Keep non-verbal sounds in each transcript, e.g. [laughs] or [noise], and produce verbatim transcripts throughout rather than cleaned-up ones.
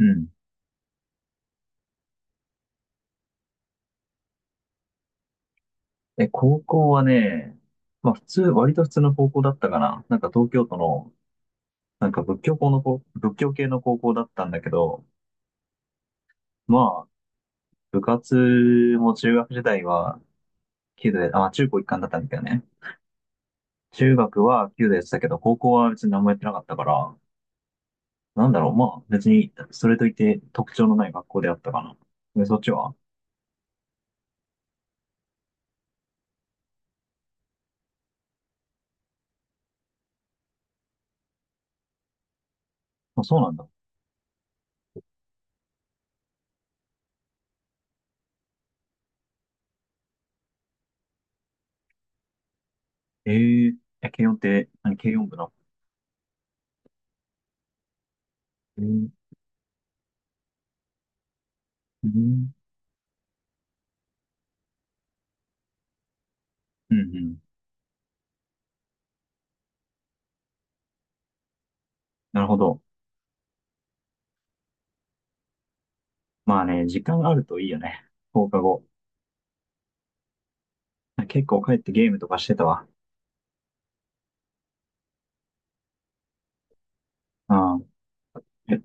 うん。え、高校はね、まあ普通、割と普通の高校だったかな。なんか東京都の、なんか仏教校の高仏教系の高校だったんだけど、まあ、部活も中学時代は弓道で、あ、中高一貫だったんだけどね。中学は弓道やってたけど、高校は別に何もやってなかったから、なんだろう、まあ別に、それといって特徴のない学校であったかな。で、そっちは？あ、そうなんだ。えええ、軽音って、何、軽音部の？えーうん、うん、うん。なるほど。まあね、時間あるといいよね。放課後。結構帰ってゲームとかしてたわ。うん。え、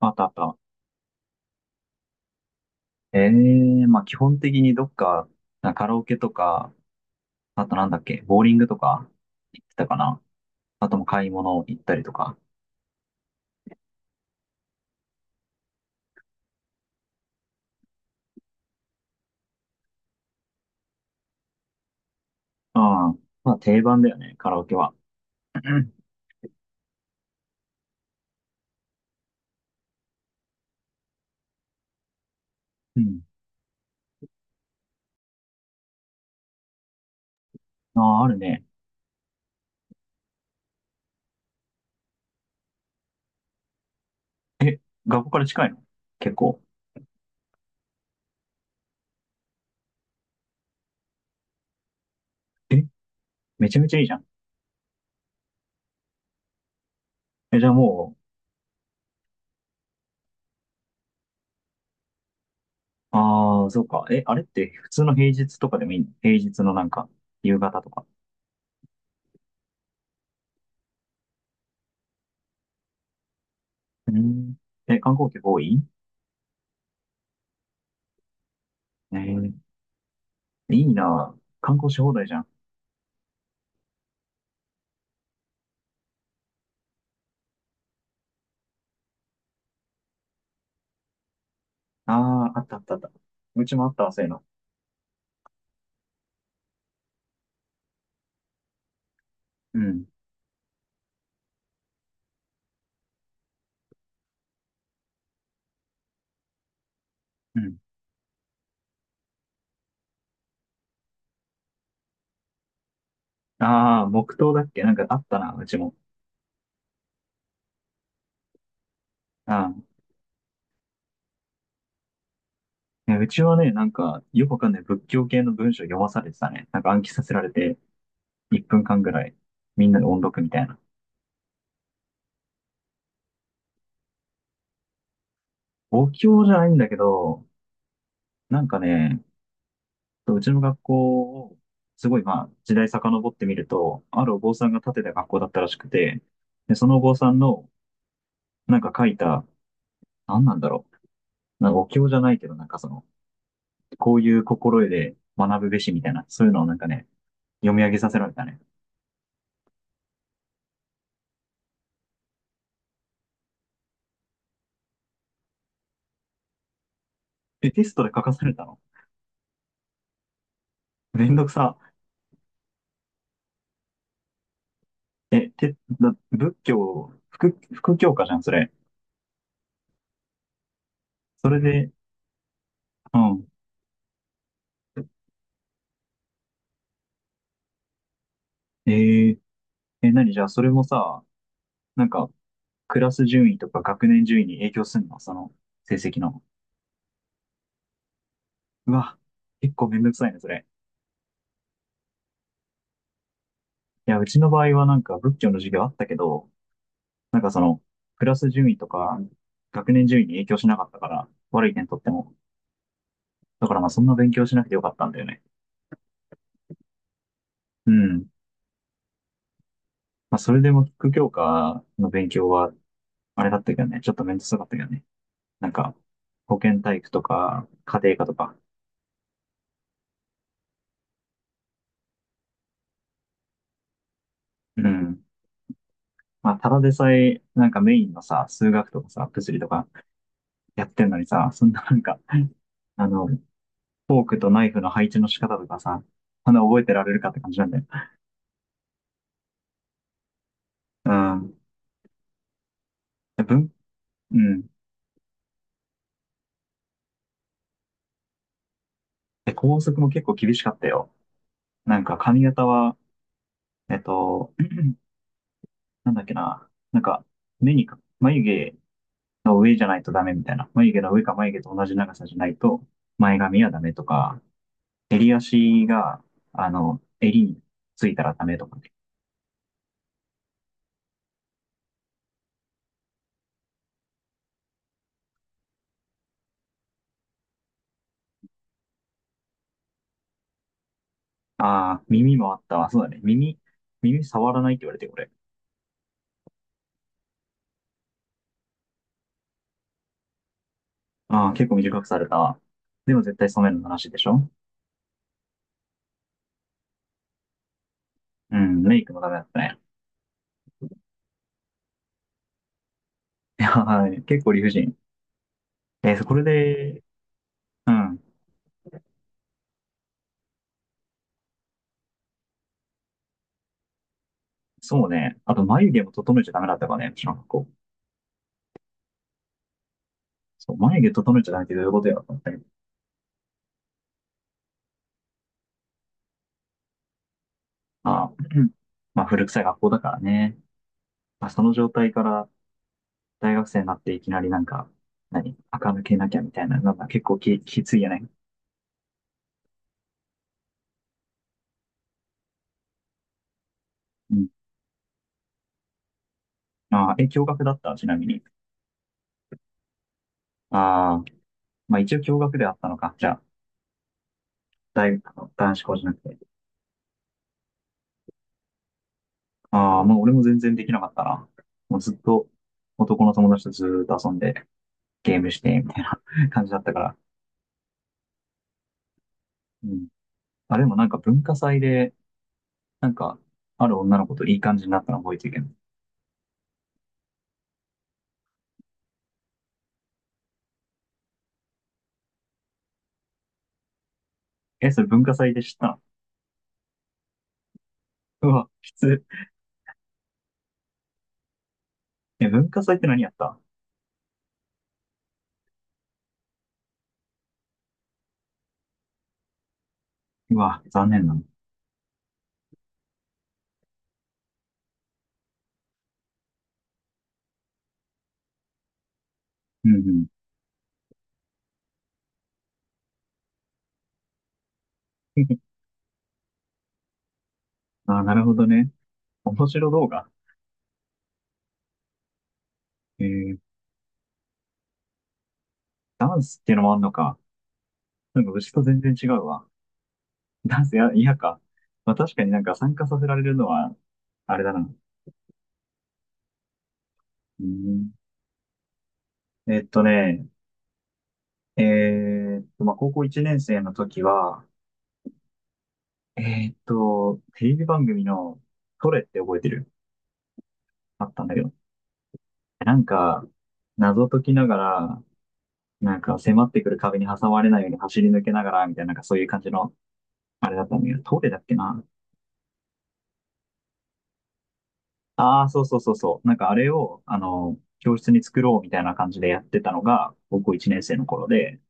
あったあった。ええ、まあ基本的にどっか、なカラオケとか、あとなんだっけ、ボーリングとか行ってたかな。あとも買い物行ったりとか。うん。まあ定番だよね、カラオケは。うん。ああ、あるね。学校から近いの？結構？え、めちゃめちゃいいじゃん。え、じゃあもう、ああ、そうか。え、あれって普通の平日とかでもいいの？平日のなんか、夕方とか。うん。え、観光客多い？えー、いいなぁ。観光し放題じゃん。ああ、あったあったあった。うちもあったわ、そういうの。うん。うん。ああ、木刀だっけなんかあったな、うちも。ああ。えうちはね、なんか、よくわかんない仏教系の文章読まされてたね。なんか暗記させられて、いっぷんかんぐらい、みんなで音読みたいな。お経じゃないんだけど、なんかね、うちの学校を、すごいまあ、時代遡ってみると、あるお坊さんが建てた学校だったらしくて、で、そのお坊さんのなんか書いた、何なんだろう。なんかお経じゃないけど、なんかその、こういう心得で学ぶべしみたいな、そういうのをなんかね、読み上げさせられたね。え、テストで書かされたの？めんどくさ。え、て、だ、仏教、副、副教科じゃん、それ。それで、うん。えー、え、何、じゃあ、それもさ、なんか、クラス順位とか学年順位に影響すんの？その、成績の。うわ、結構めんどくさいね、それ。いや、うちの場合はなんか仏教の授業あったけど、なんかその、クラス順位とか、学年順位に影響しなかったから、悪い点取っても。だからまあそんな勉強しなくてよかったんだよね。うん。まあそれでも副教科の勉強は、あれだったけどね、ちょっと面倒くさかったけどね。なんか、保健体育とか、家庭科とか。うん。まあただでさえ、なんかメインのさ、数学とかさ、物理とかやってんのにさ、そんななんか、あの、フォークとナイフの配置の仕方とかさ、そんな覚えてられるかって感じなんだよ。うん。文、うん。で、校則も結構厳しかったよ。なんか髪型は、えっと、なんだっけな。なんか、目にか、眉毛の上じゃないとダメみたいな。眉毛の上か眉毛と同じ長さじゃないと、前髪はダメとか、襟足が、あの、襟についたらダメとかね。ああ、耳もあったわ。そうだね。耳、耳触らないって言われて、俺。ああ、結構短くされたわ。でも絶対染めるのなしでしょ？うん、メイクもダメだったね。[laughs] いやー、結構理不尽。えーこれで、うん。そうね。あと、眉毛も整えちゃダメだったからね、私の学校。そう、眉毛整えちゃダメってどういうことやろと思ったけど。まあ、[clears throat] うん。まあ、古臭い学校だからね。まあ、その状態から大学生になっていきなりなんか、何垢抜けなきゃみたいな、なんか結構き、きついよね。うん。ああ、え、共学だった？ちなみに。ああ、まあ一応共学であったのか。じゃあ、大学の男子校じゃなくて。ああ、もう俺も全然できなかったな。もうずっと男の友達とずーっと遊んでゲームしてみたいな [laughs] 感じだったから。うん。あ、でもなんか文化祭で、なんか、ある女の子といい感じになったの覚えてるけど。え、それ文化祭でした？うわ、きつ。え、文化祭って何やった？うわ、残念なの。うんうん。[laughs] あ、なるほどね。面白動画。えー、ダンスっていうのもあんのか。なんかうちと全然違うわ。ダンスや、嫌か。まあ確かになんか参加させられるのは、あれだな。うん。えっとね、えーっと、まあ高校いちねん生の時は、えーっと、テレビ番組のトレって覚えてる？あったんだけど。なんか、謎解きながら、なんか迫ってくる壁に挟まれないように走り抜けながら、みたいな、なんかそういう感じの、あれだったんだけど、トイレだっけな。ああ、そうそうそうそう。なんかあれを、あの、教室に作ろうみたいな感じでやってたのが、高校いちねん生の頃で、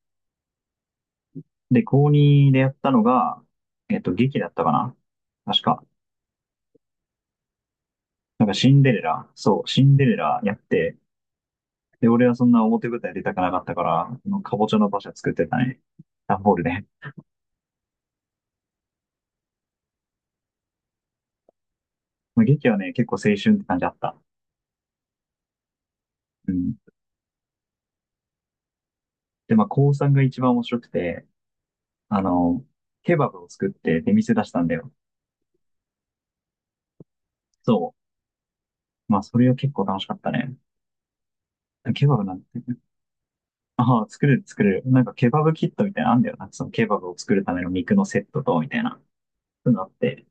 で、高にでやったのが、えっと、劇だったかな。確か。なんかシンデレラ、そう、シンデレラやって、で、俺はそんな表舞台出たくなかったから、あのかぼちゃの馬車作ってたね。段ボールで。まあ、劇はね、結構青春って感じあった。うん。で、まあ、高さんが一番面白くて、あの、ケバブを作って出店出したんだよ。そう。まあ、それは結構楽しかったね。ケバブなんて、ああ、作れる作れる。なんかケバブキットみたいなのあんだよな。そのケバブを作るための肉のセットと、みたいな。そういうのあって。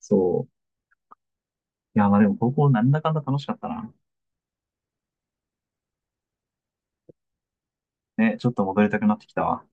そう。いや、まあでも高校なんだかんだ楽しかったな。ね、ちょっと戻りたくなってきたわ。